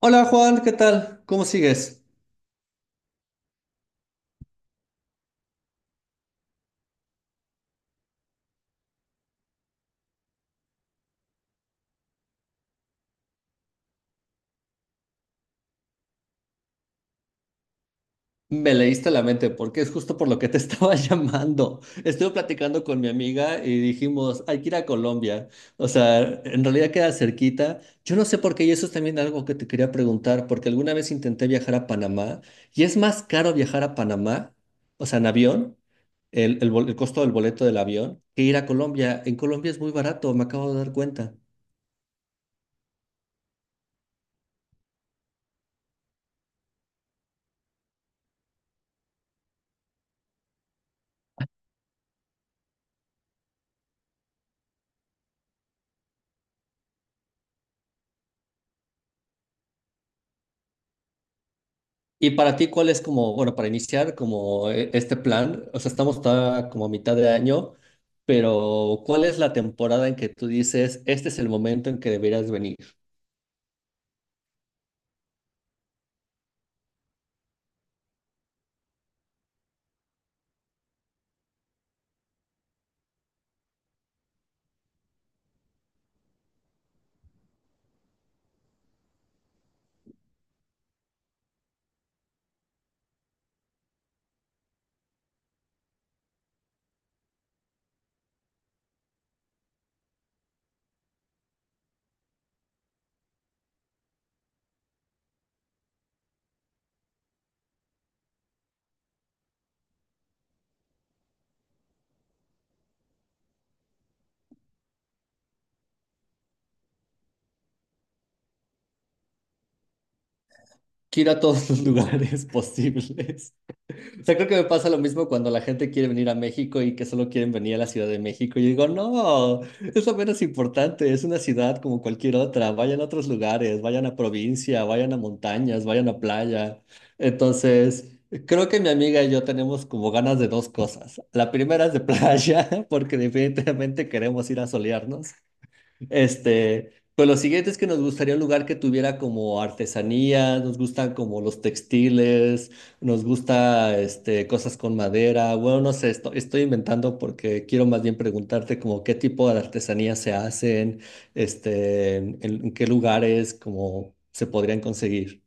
Hola Juan, ¿qué tal? ¿Cómo sigues? Me leíste la mente porque es justo por lo que te estaba llamando. Estuve platicando con mi amiga y dijimos, hay que ir a Colombia. O sea, en realidad queda cerquita. Yo no sé por qué, y eso es también algo que te quería preguntar, porque alguna vez intenté viajar a Panamá y es más caro viajar a Panamá, o sea, en avión, el costo del boleto del avión, que ir a Colombia. En Colombia es muy barato, me acabo de dar cuenta. Y para ti, ¿cuál es como, bueno, para iniciar como este plan? O sea, estamos todavía como a mitad de año, pero ¿cuál es la temporada en que tú dices, este es el momento en que deberías venir? Quiero a todos los lugares posibles. O sea, creo que me pasa lo mismo cuando la gente quiere venir a México y que solo quieren venir a la Ciudad de México. Yo digo, no, es lo menos importante, es una ciudad como cualquier otra. Vayan a otros lugares, vayan a provincia, vayan a montañas, vayan a playa. Entonces, creo que mi amiga y yo tenemos como ganas de dos cosas. La primera es de playa, porque definitivamente queremos ir a solearnos. Este, pues lo siguiente es que nos gustaría un lugar que tuviera como artesanía, nos gustan como los textiles, nos gusta este, cosas con madera. Bueno, no sé, estoy inventando porque quiero más bien preguntarte como qué tipo de artesanía se hacen, este, en qué lugares como se podrían conseguir.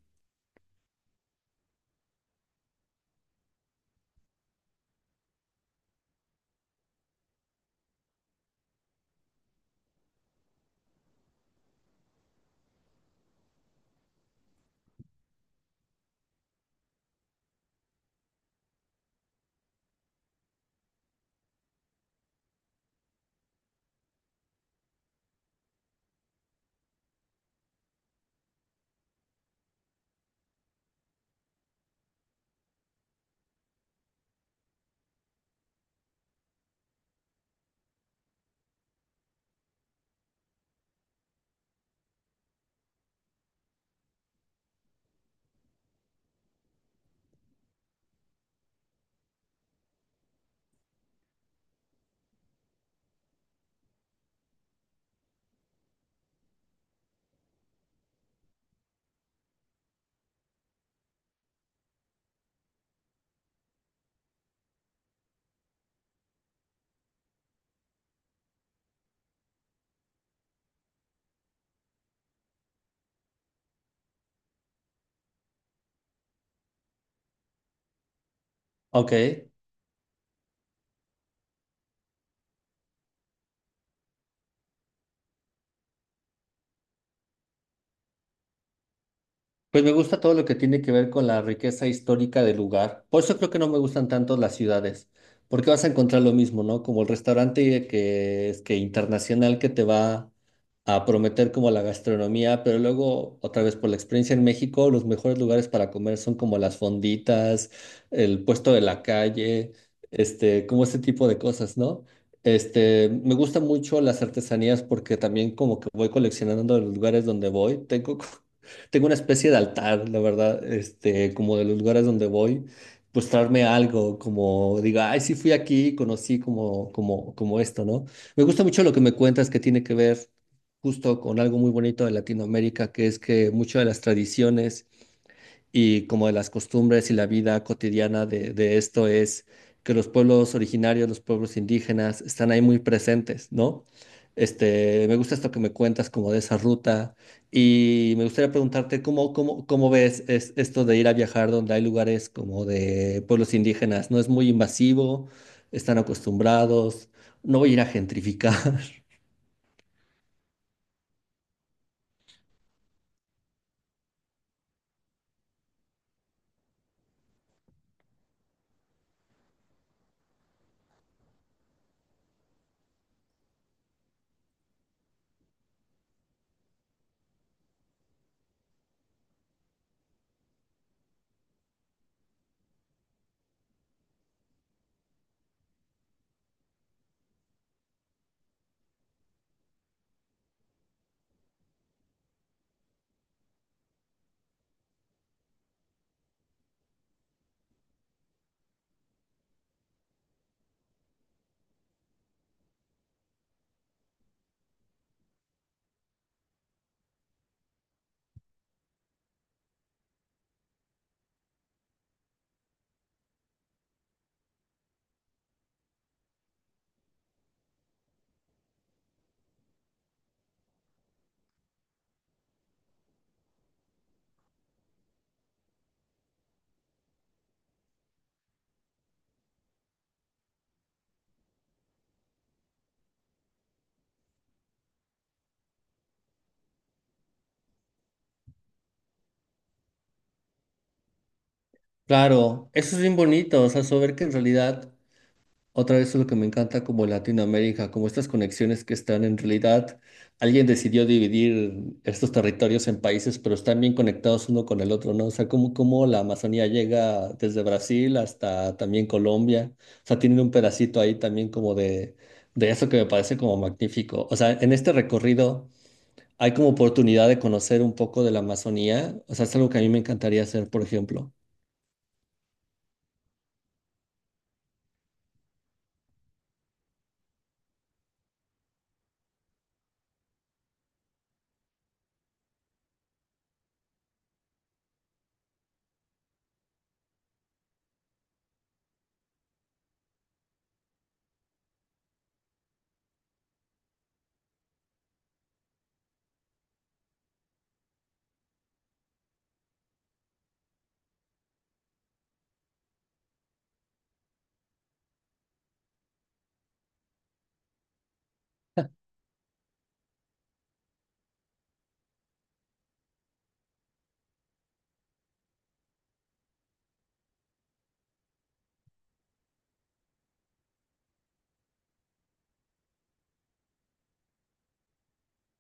Ok. Pues me gusta todo lo que tiene que ver con la riqueza histórica del lugar. Por eso creo que no me gustan tanto las ciudades, porque vas a encontrar lo mismo, ¿no? Como el restaurante que es que internacional que te va a prometer como la gastronomía, pero luego otra vez por la experiencia en México, los mejores lugares para comer son como las fonditas, el puesto de la calle, este, como ese tipo de cosas, ¿no? Este, me gustan mucho las artesanías porque también como que voy coleccionando los lugares donde voy. Tengo tengo una especie de altar, la verdad, este, como de los lugares donde voy, pues traerme algo, como diga, ay, sí fui aquí, conocí como esto, ¿no? Me gusta mucho lo que me cuentas que tiene que ver justo con algo muy bonito de Latinoamérica, que es que muchas de las tradiciones y como de las costumbres y la vida cotidiana de esto es que los pueblos originarios, los pueblos indígenas, están ahí muy presentes, ¿no? Este, me gusta esto que me cuentas como de esa ruta y me gustaría preguntarte cómo ves esto de ir a viajar donde hay lugares como de pueblos indígenas. ¿No es muy invasivo? ¿Están acostumbrados? ¿No voy a ir a gentrificar? Claro, eso es bien bonito, o sea, saber que en realidad otra vez es lo que me encanta como Latinoamérica, como estas conexiones que están en realidad, alguien decidió dividir estos territorios en países, pero están bien conectados uno con el otro, ¿no? O sea, como la Amazonía llega desde Brasil hasta también Colombia, o sea, tienen un pedacito ahí también como de eso que me parece como magnífico. O sea, en este recorrido hay como oportunidad de conocer un poco de la Amazonía, o sea, es algo que a mí me encantaría hacer, por ejemplo.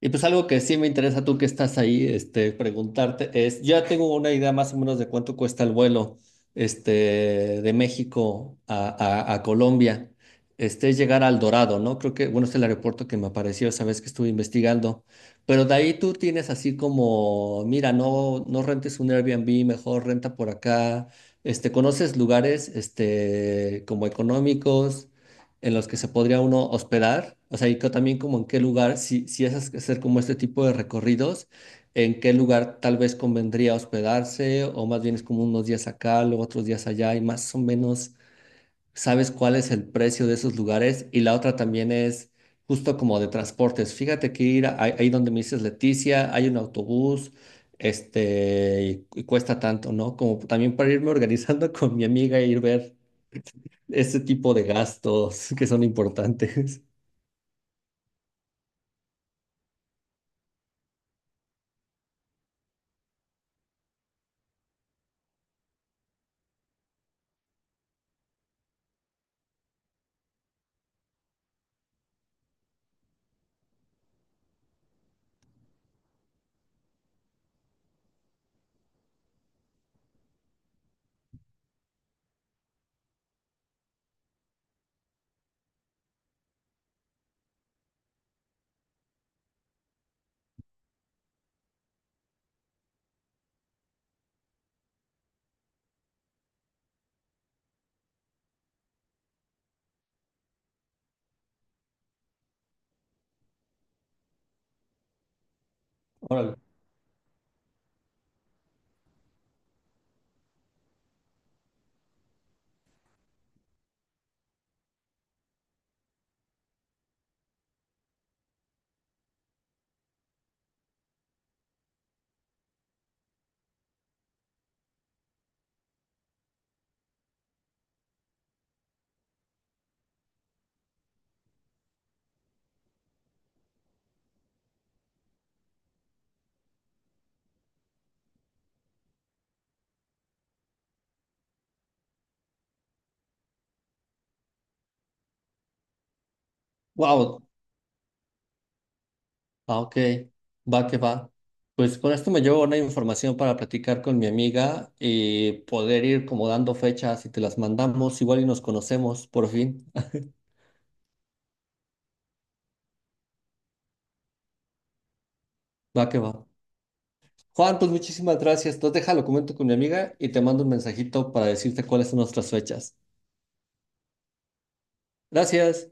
Y pues algo que sí me interesa tú que estás ahí, este, preguntarte es, yo ya tengo una idea más o menos de cuánto cuesta el vuelo, este, de México a Colombia. Este es llegar al Dorado, ¿no? Creo que, bueno, es el aeropuerto que me apareció esa vez que estuve investigando. Pero de ahí tú tienes así como, mira, no, no rentes un Airbnb, mejor renta por acá. Este, ¿conoces lugares, este, como económicos en los que se podría uno hospedar? O sea, y también como en qué lugar, si, si es hacer como este tipo de recorridos, en qué lugar tal vez convendría hospedarse, o más bien es como unos días acá, luego otros días allá, y más o menos sabes cuál es el precio de esos lugares. Y la otra también es justo como de transportes. Fíjate que ir ahí donde me dices Leticia, hay un autobús. Este, y cuesta tanto, ¿no? Como también para irme organizando con mi amiga e ir ver este tipo de gastos que son importantes. Órale. Wow. Ah, ok. Va que va. Pues con esto me llevo una información para platicar con mi amiga y poder ir como dando fechas y te las mandamos igual y nos conocemos por fin. Va que va. Juan, pues muchísimas gracias. Entonces déjalo, comento con mi amiga y te mando un mensajito para decirte cuáles son nuestras fechas. Gracias.